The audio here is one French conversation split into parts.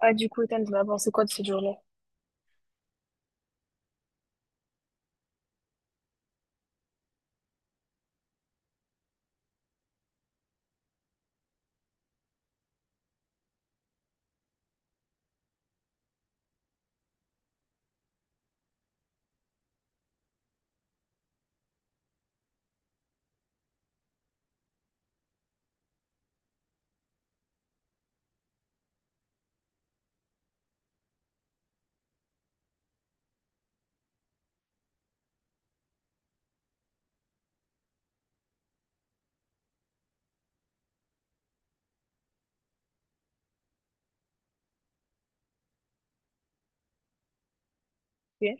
Ah, du coup, Ethan, t'en as pensé quoi de cette journée? Ok,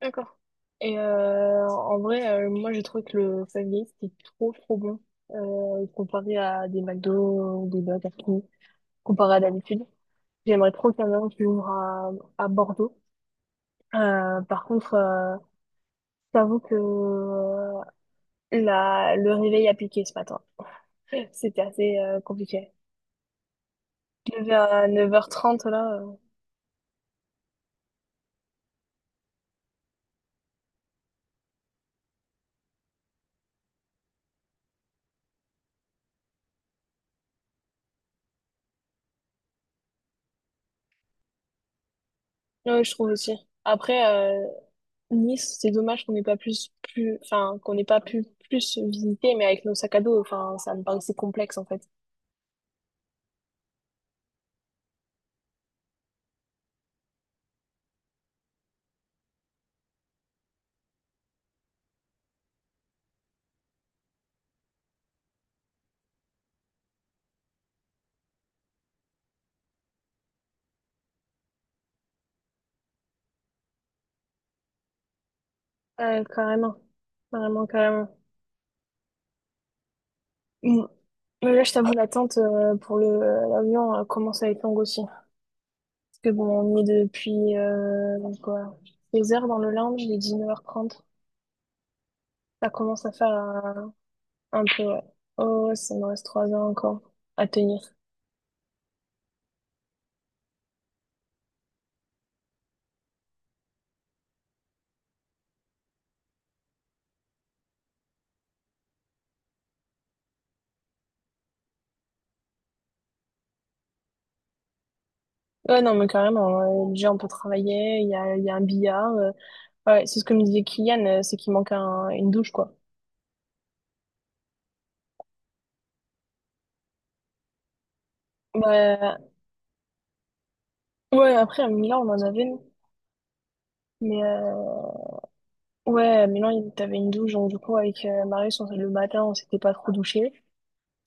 d'accord. Et en vrai, moi, j'ai trouvé que le Five Guys, c'était trop, trop bon. Comparé à des McDo, ou des Burger King, comparé à d'habitude. J'aimerais trop qu'il y en ait un qui ouvre à Bordeaux. Par contre, j'avoue que le réveil a piqué ce matin. C'était assez compliqué. Je me levais à 9h30 là. Ouais, je trouve aussi. Après, Nice, c'est dommage qu'on n'ait pas plus, plus, enfin, qu'on n'ait pas pu plus visiter, mais avec nos sacs à dos, enfin, ça me paraissait complexe, en fait. Carrément. Carrément, carrément. Mm. Mais là, je t'avoue, l'attente pour l'avion commence à être longue aussi. Parce que bon, on est depuis, quoi, 16 heures dans le lounge, il est 9h30. Ça commence à faire un peu, ouais. Oh, ouais, ça me reste 3 heures encore à tenir. Ouais, non, mais carrément. Déjà, on peut travailler, il y a un billard. Ouais, c'est ce que me disait Kylian, c'est qu'il manque une douche, quoi. Bah, ouais, après, à Milan, on en avait, nous. Mais ouais, à Milan, t'avais une douche, donc du coup, avec Marius, on, le matin, on s'était pas trop douché.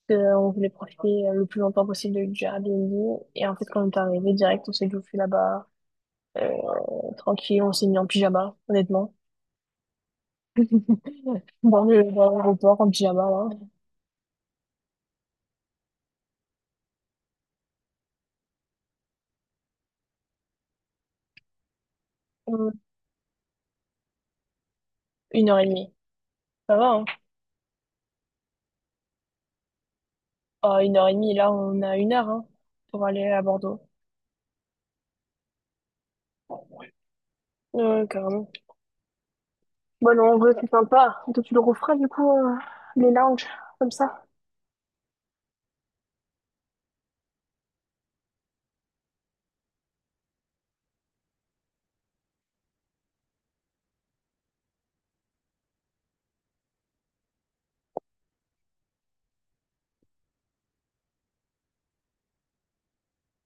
Parce on voulait profiter le plus longtemps possible du Airbnb. Et en fait, quand on est arrivé, direct, on s'est douché là-bas, euh, tranquille, on s'est mis en pyjama, honnêtement. Dans l'aéroport, en pyjama, là. Euh, Une heure et demie. Ça va, hein? Ah, une heure et demie, là, on a une heure hein, pour aller à Bordeaux. Ouais, carrément. Bon, non, en vrai, c'est sympa. Toi, tu le referas, du coup, les lounges, comme ça.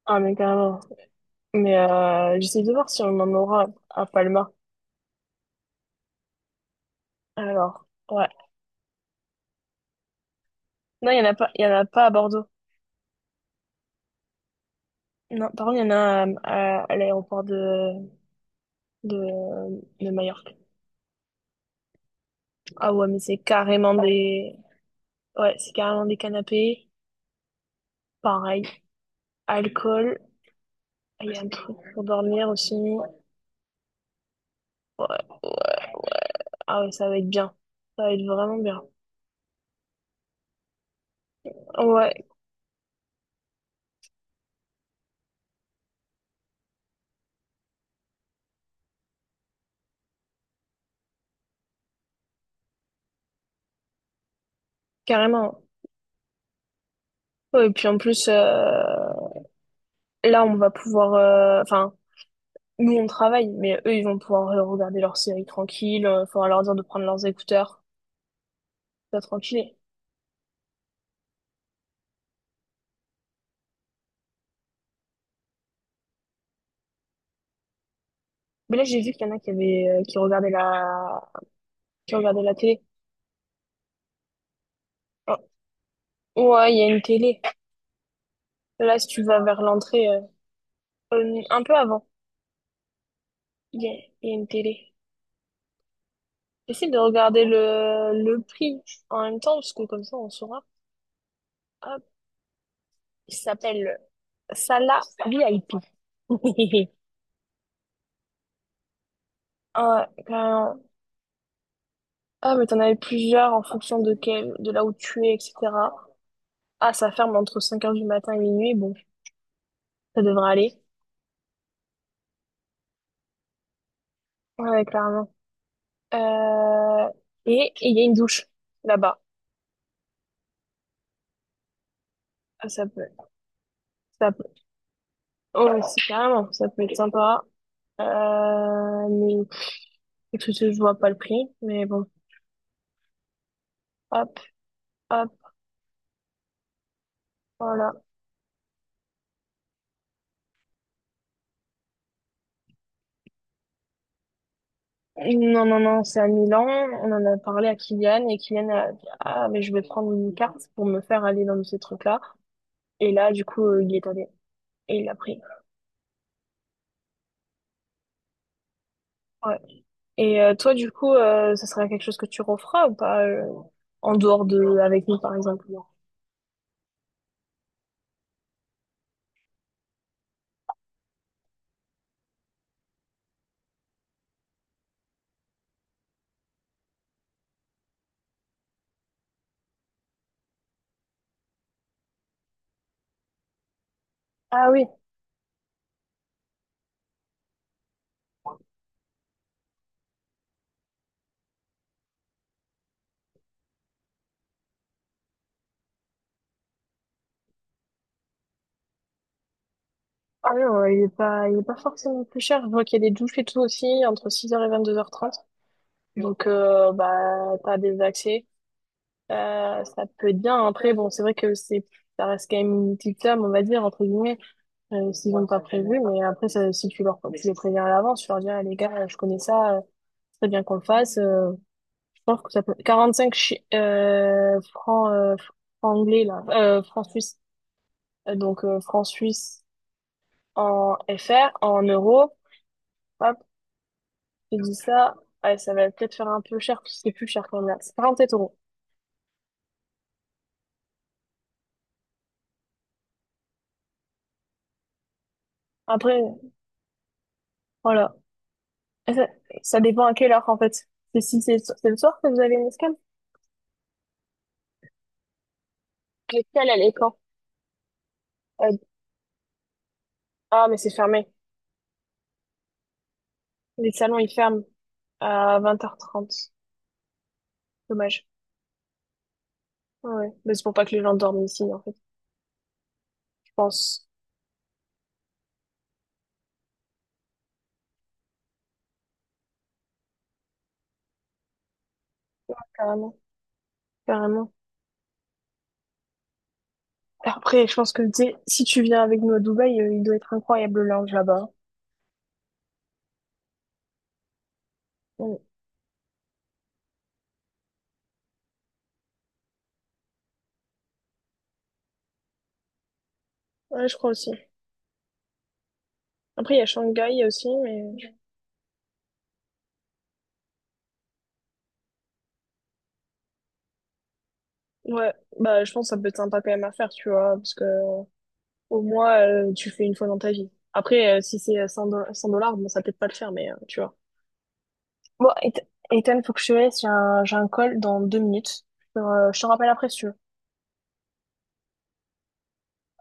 Ah, mais carrément. Mais j'essaie de voir si on en aura à Palma. Alors, ouais. Non, il n'y en a pas, il y en a pas à Bordeaux. Non, par contre, il y en a à l'aéroport de, de Majorque. Ah ouais, Ouais, c'est carrément des canapés. Pareil. Alcool. Il y a un truc pour dormir aussi. Ouais, ouais. Ah ouais, ça va être bien. Ça va être vraiment bien. Ouais, carrément. Ouais, et puis en plus, là, on va pouvoir, enfin, nous, on travaille, mais eux, ils vont pouvoir regarder leur série tranquille. Il faudra leur dire de prendre leurs écouteurs. Ça, tranquille. Mais là, j'ai vu qu'il y en a qui avaient... qui regardaient la télé. Oh, ouais, il y a une télé. Là, si tu vas vers l'entrée, un peu avant, il y a, il y a une télé. Essaye de regarder le prix en même temps, parce que comme ça, on saura. Hop, il s'appelle. Celle-là, oui, un- un- ah, mais t'en avais plusieurs en fonction de quel, de là où tu es, etc. Ah, ça ferme entre cinq heures du matin et minuit, bon, ça devrait aller. Ouais, clairement. Euh, et il y a une douche là-bas. Ah, ça peut, ça peut, oh, c'est carrément, ça peut être sympa. Mais écoute, je vois pas le prix, mais bon, hop, hop, voilà. Non, non, non, c'est à Milan. On en a parlé à Kylian et Kylian a dit, Ah, mais je vais prendre une carte pour me faire aller dans ces trucs-là. Et là, du coup, il est allé et il l'a pris. Ouais. Et toi, du coup, ça serait quelque chose que tu referas ou pas en dehors de avec nous, par exemple? Ah oui, ah non, il est pas forcément plus cher. Je vois qu'il y a des douches et tout aussi entre six heures et 22h30. Donc, bah, t'as des accès. Ça peut être bien. Après, bon, c'est vrai que c'est, ça reste quand même une petite lame, on va dire, entre guillemets, s'ils n'ont pas prévu. Mais après, ça, si tu les préviens à l'avance, tu leur dis, Ah, les gars, je connais ça, c'est très bien qu'on le fasse. Je pense que ça peut. 45 francs anglais, là. Francs suisses. Donc, francs suisses en FR, en euros. Hop, tu dis ça. Ouais, ça va peut-être faire un peu cher, parce que c'est plus cher quand même, là. C'est 47 euros. Après, voilà. Et ça dépend à quelle heure, en fait. C'est si c'est le soir que vous avez une escale? L'escale, elle est quand? Euh, ah, mais c'est fermé. Les salons, ils ferment à 20h30. Dommage. Ouais, ouais. Mais c'est pour pas que les gens dorment ici, en fait. Je pense. Carrément. Carrément. Après, je pense que tu sais, si tu viens avec nous à Dubaï, il doit être incroyable le lounge là-bas. Mm. Ouais, je crois aussi. Après, il y a Shanghai aussi, mais ouais, bah je pense que ça peut être sympa quand même à faire, tu vois, parce que au moins tu fais une fois dans ta vie. Après, si c'est 100 dollars, 100 dollars, bon, ça peut-être pas le faire, mais tu vois. Bon, Ethan, Ethan, faut que je te laisse, j'ai un call dans deux minutes. Je te rappelle après si tu veux.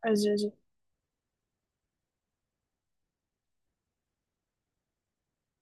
Vas-y, vas-y.